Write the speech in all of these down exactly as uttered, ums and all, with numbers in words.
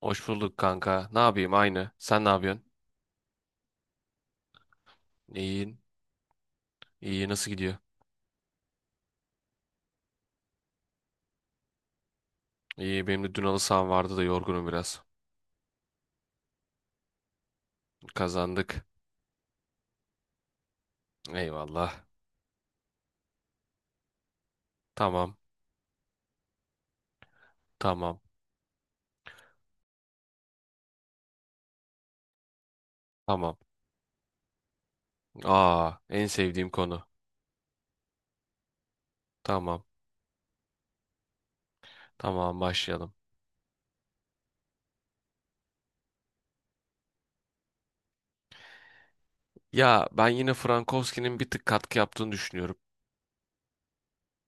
Hoş bulduk kanka. Ne yapayım aynı. Sen ne yapıyorsun? İyiyim. İyi nasıl gidiyor? İyi benim de dün halı saham vardı da yorgunum biraz. Kazandık. Eyvallah. Tamam. Tamam. Tamam. Aa en sevdiğim konu. Tamam. Tamam başlayalım. Ya ben yine Frankowski'nin bir tık katkı yaptığını düşünüyorum.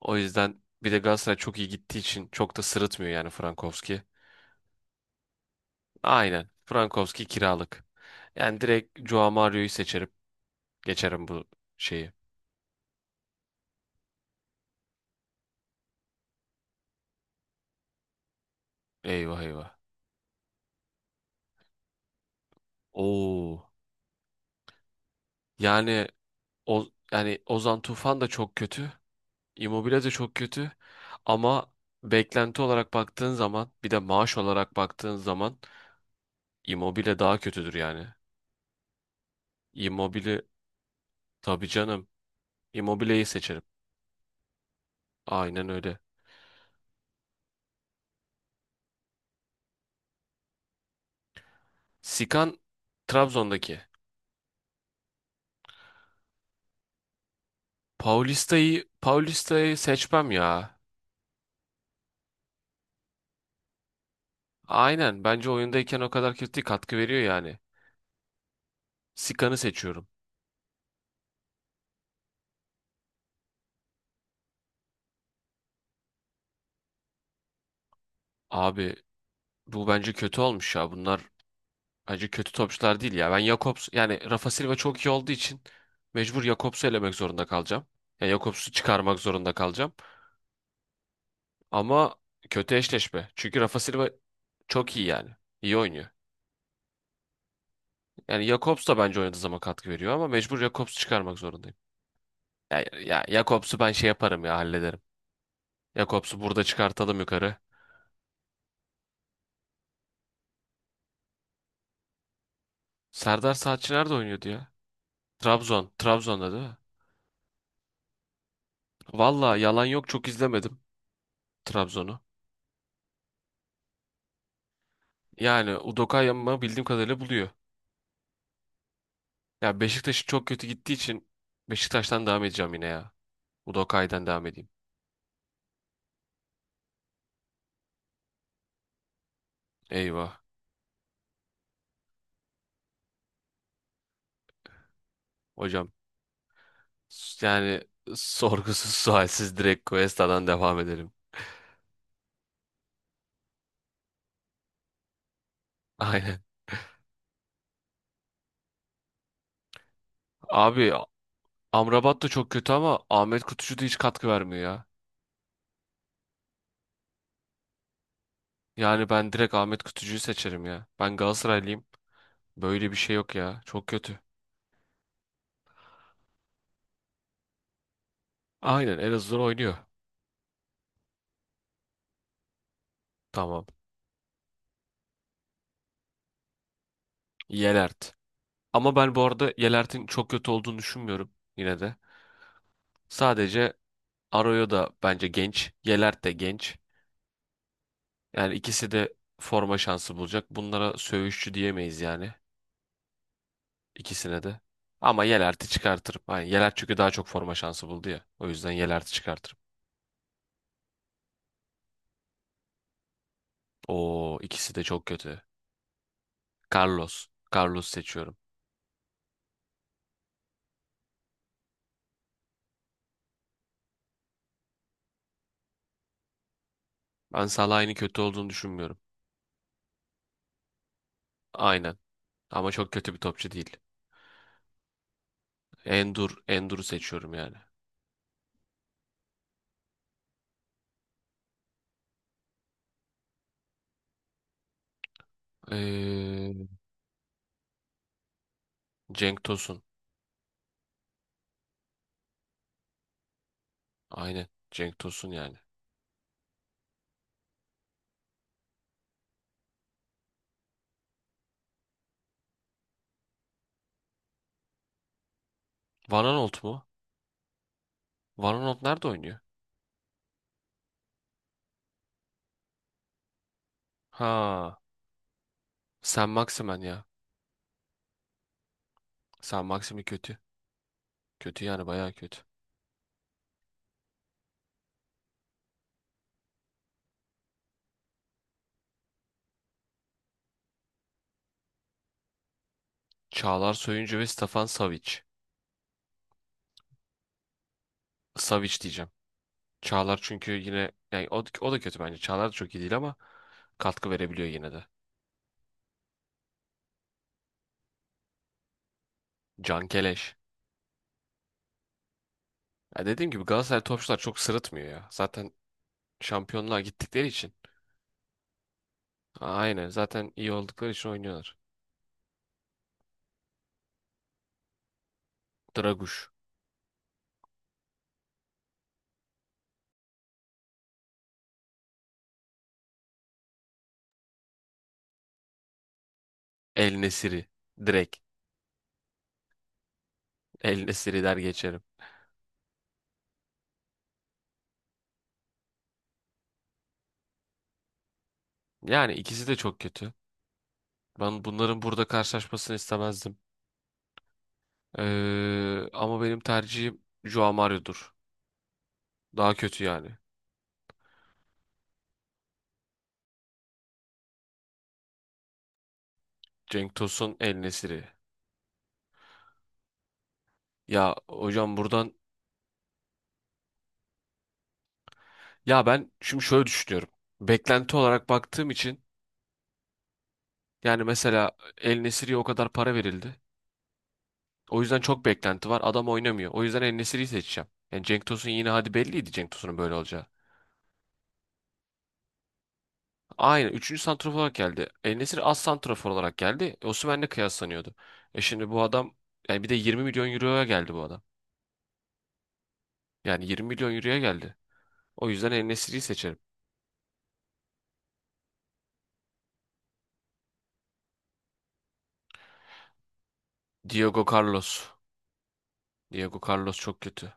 O yüzden bir de Galatasaray çok iyi gittiği için çok da sırıtmıyor yani Frankowski. Aynen. Frankowski kiralık. Yani direkt Joao Mario'yu seçerim. Geçerim bu şeyi. Eyvah eyvah. Oo. Yani o yani Ozan Tufan da çok kötü. Immobile de çok kötü. Ama beklenti olarak baktığın zaman bir de maaş olarak baktığın zaman Immobile daha kötüdür yani. Immobile tabii canım. Immobile'yi seçerim. Aynen öyle. Sikan Trabzon'daki. Paulista'yı Paulista'yı seçmem ya. Aynen bence oyundayken o kadar kötü değil, katkı veriyor yani. Sikan'ı seçiyorum. Abi bu bence kötü olmuş ya. Bunlar acı kötü topçular değil ya. Ben Jakobs yani Rafa Silva çok iyi olduğu için mecbur Jakobs'u elemek zorunda kalacağım. Yani Jakobs'u çıkarmak zorunda kalacağım. Ama kötü eşleşme. Çünkü Rafa Silva çok iyi yani. İyi oynuyor. Yani Jakobs da bence oynadığı zaman katkı veriyor ama mecbur Jakobs'u çıkarmak zorundayım. Ya, ya Jakobs'u ben şey yaparım ya hallederim. Jakobs'u burada çıkartalım yukarı. Serdar Saatçi nerede oynuyordu ya? Trabzon. Trabzon'da değil mi? Valla yalan yok çok izlemedim Trabzon'u. Yani Udokayama bildiğim kadarıyla buluyor. Ya Beşiktaş çok kötü gittiği için Beşiktaş'tan devam edeceğim yine ya. Udokay'dan devam edeyim. Eyvah. Hocam s- yani sorgusuz sualsiz direkt Cuesta'dan devam edelim. Aynen. Abi Amrabat da çok kötü ama Ahmet Kutucu da hiç katkı vermiyor ya. Yani ben direkt Ahmet Kutucu'yu seçerim ya. Ben Galatasaraylıyım. Böyle bir şey yok ya. Çok kötü. Aynen Elazığ'dan oynuyor. Tamam. Yelert. Ama ben bu arada Yelert'in çok kötü olduğunu düşünmüyorum yine de. Sadece Arroyo da bence genç. Yelert de genç. Yani ikisi de forma şansı bulacak. Bunlara söğüşçü diyemeyiz yani. İkisine de. Ama Yelert'i çıkartırım. Yani Yelert çünkü daha çok forma şansı buldu ya. O yüzden Yelert'i çıkartırım. Oo ikisi de çok kötü. Carlos. Carlos seçiyorum. Ben Salah'ın kötü olduğunu düşünmüyorum. Aynen. Ama çok kötü bir topçu değil. Endur. Endur'u seçiyorum yani. Ee, Cenk Tosun. Aynen. Cenk Tosun yani. Van Aanholt mu? Van Aanholt nerede oynuyor? Ha. Sen Maximen ya. Sen Maxim'i kötü. Kötü yani bayağı kötü. Çağlar Soyuncu ve Stefan Savic. Savic diyeceğim. Çağlar çünkü yine yani o, o da kötü bence. Çağlar da çok iyi değil ama katkı verebiliyor yine de. Can Keleş. Ya dediğim gibi Galatasaray topçular çok sırıtmıyor ya. Zaten şampiyonluğa gittikleri için. Aynen zaten iyi oldukları için oynuyorlar. Draguş. El Nesiri. Direkt. El Nesiri der geçerim. Yani ikisi de çok kötü. Ben bunların burada karşılaşmasını istemezdim. Ee, ama benim tercihim Joao Mario'dur. Daha kötü yani. Cenk Tosun, El Nesiri. Ya hocam buradan ya ben şimdi şöyle düşünüyorum. Beklenti olarak baktığım için yani mesela El Nesiri'ye o kadar para verildi. O yüzden çok beklenti var. Adam oynamıyor. O yüzden El Nesiri'yi seçeceğim. Yani Cenk Tosun yine hadi belliydi Cenk Tosun'un böyle olacağı. Aynen. Üçüncü santrafor olarak geldi. El Nesiri az santrafor olarak geldi. Osimhen'le kıyaslanıyordu. E şimdi bu adam yani bir de yirmi milyon euroya geldi bu adam. Yani yirmi milyon euroya geldi. O yüzden el En seçerim. Diego Carlos. Diego Carlos çok kötü.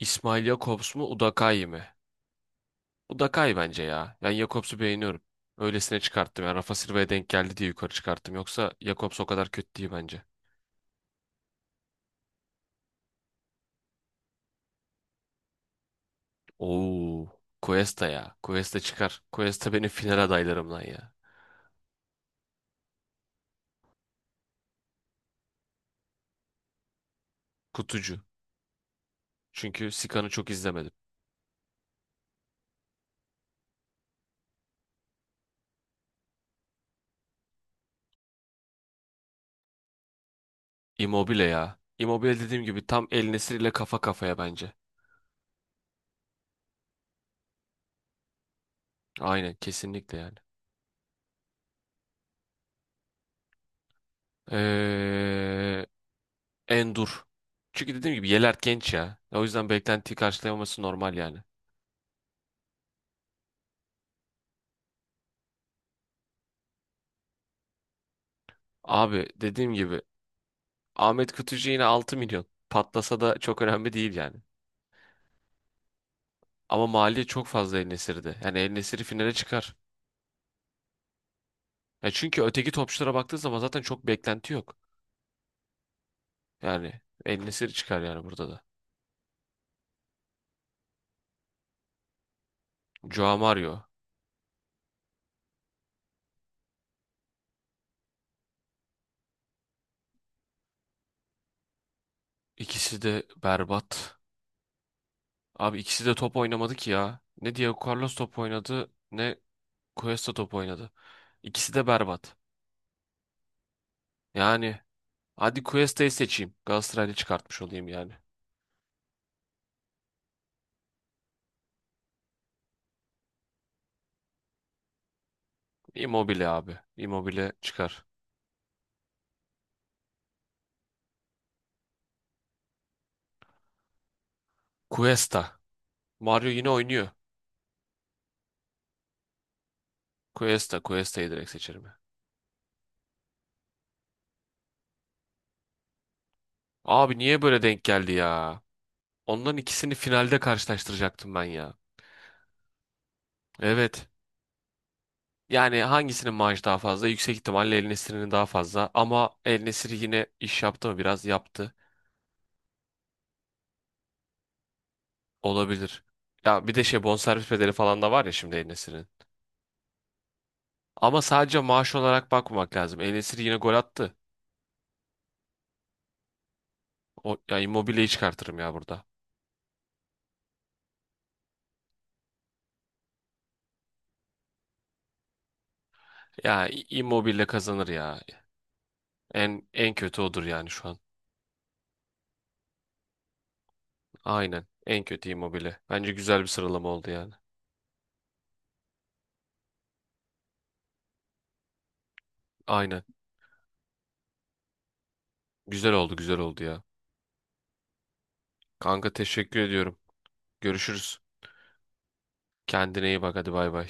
İsmail Jakobs mu Udakay mı? Udakay bence ya. Ben Jakobs'u beğeniyorum. Öylesine çıkarttım. Yani Rafa Silva'ya denk geldi diye yukarı çıkarttım. Yoksa Jakobs o kadar kötü değil bence. Oo, Cuesta ya. Cuesta çıkar. Cuesta benim final adaylarımdan ya. Kutucu. Çünkü Sikan'ı çok izlemedim. Immobile ya. Immobile dediğim gibi tam El Nesri ile kafa kafaya bence. Aynen kesinlikle yani. Ee, Endur. Çünkü dediğim gibi Yeler genç ya. O yüzden beklentiyi karşılayamaması normal yani. Abi dediğim gibi Ahmet Kutucu yine altı milyon. Patlasa da çok önemli değil yani. Ama maliye çok fazla El Nesir'de. Yani El Nesir'i finale çıkar. Ya çünkü öteki topçulara baktığı zaman zaten çok beklenti yok. Yani El Nesir çıkar yani burada da. Joao Mario. İkisi de berbat. Abi ikisi de top oynamadı ki ya. Ne Diego Carlos top oynadı ne Cuesta top oynadı. İkisi de berbat. Yani hadi Cuesta'yı seçeyim. Galatasaraylı çıkartmış olayım yani. Immobile abi. Immobile çıkar. Cuesta. Mario yine oynuyor. Cuesta. Cuesta'yı direkt seçerim ya. Abi niye böyle denk geldi ya? Onların ikisini finalde karşılaştıracaktım ben ya. Evet. Yani hangisinin maaşı daha fazla? Yüksek ihtimalle El Nesiri'nin daha fazla. Ama El Nesiri yine iş yaptı mı? Biraz yaptı. Olabilir. Ya bir de şey bonservis bedeli falan da var ya şimdi El Nesiri'nin. Ama sadece maaş olarak bakmamak lazım. El Nesiri yine gol attı. O, ya Immobile'yi çıkartırım ya burada. Ya İ- Immobile kazanır ya. En en kötü odur yani şu an. Aynen. En kötü Immobile. Bence güzel bir sıralama oldu yani. Aynen. Güzel oldu, güzel oldu ya. Kanka teşekkür ediyorum. Görüşürüz. Kendine iyi bak hadi bay bay.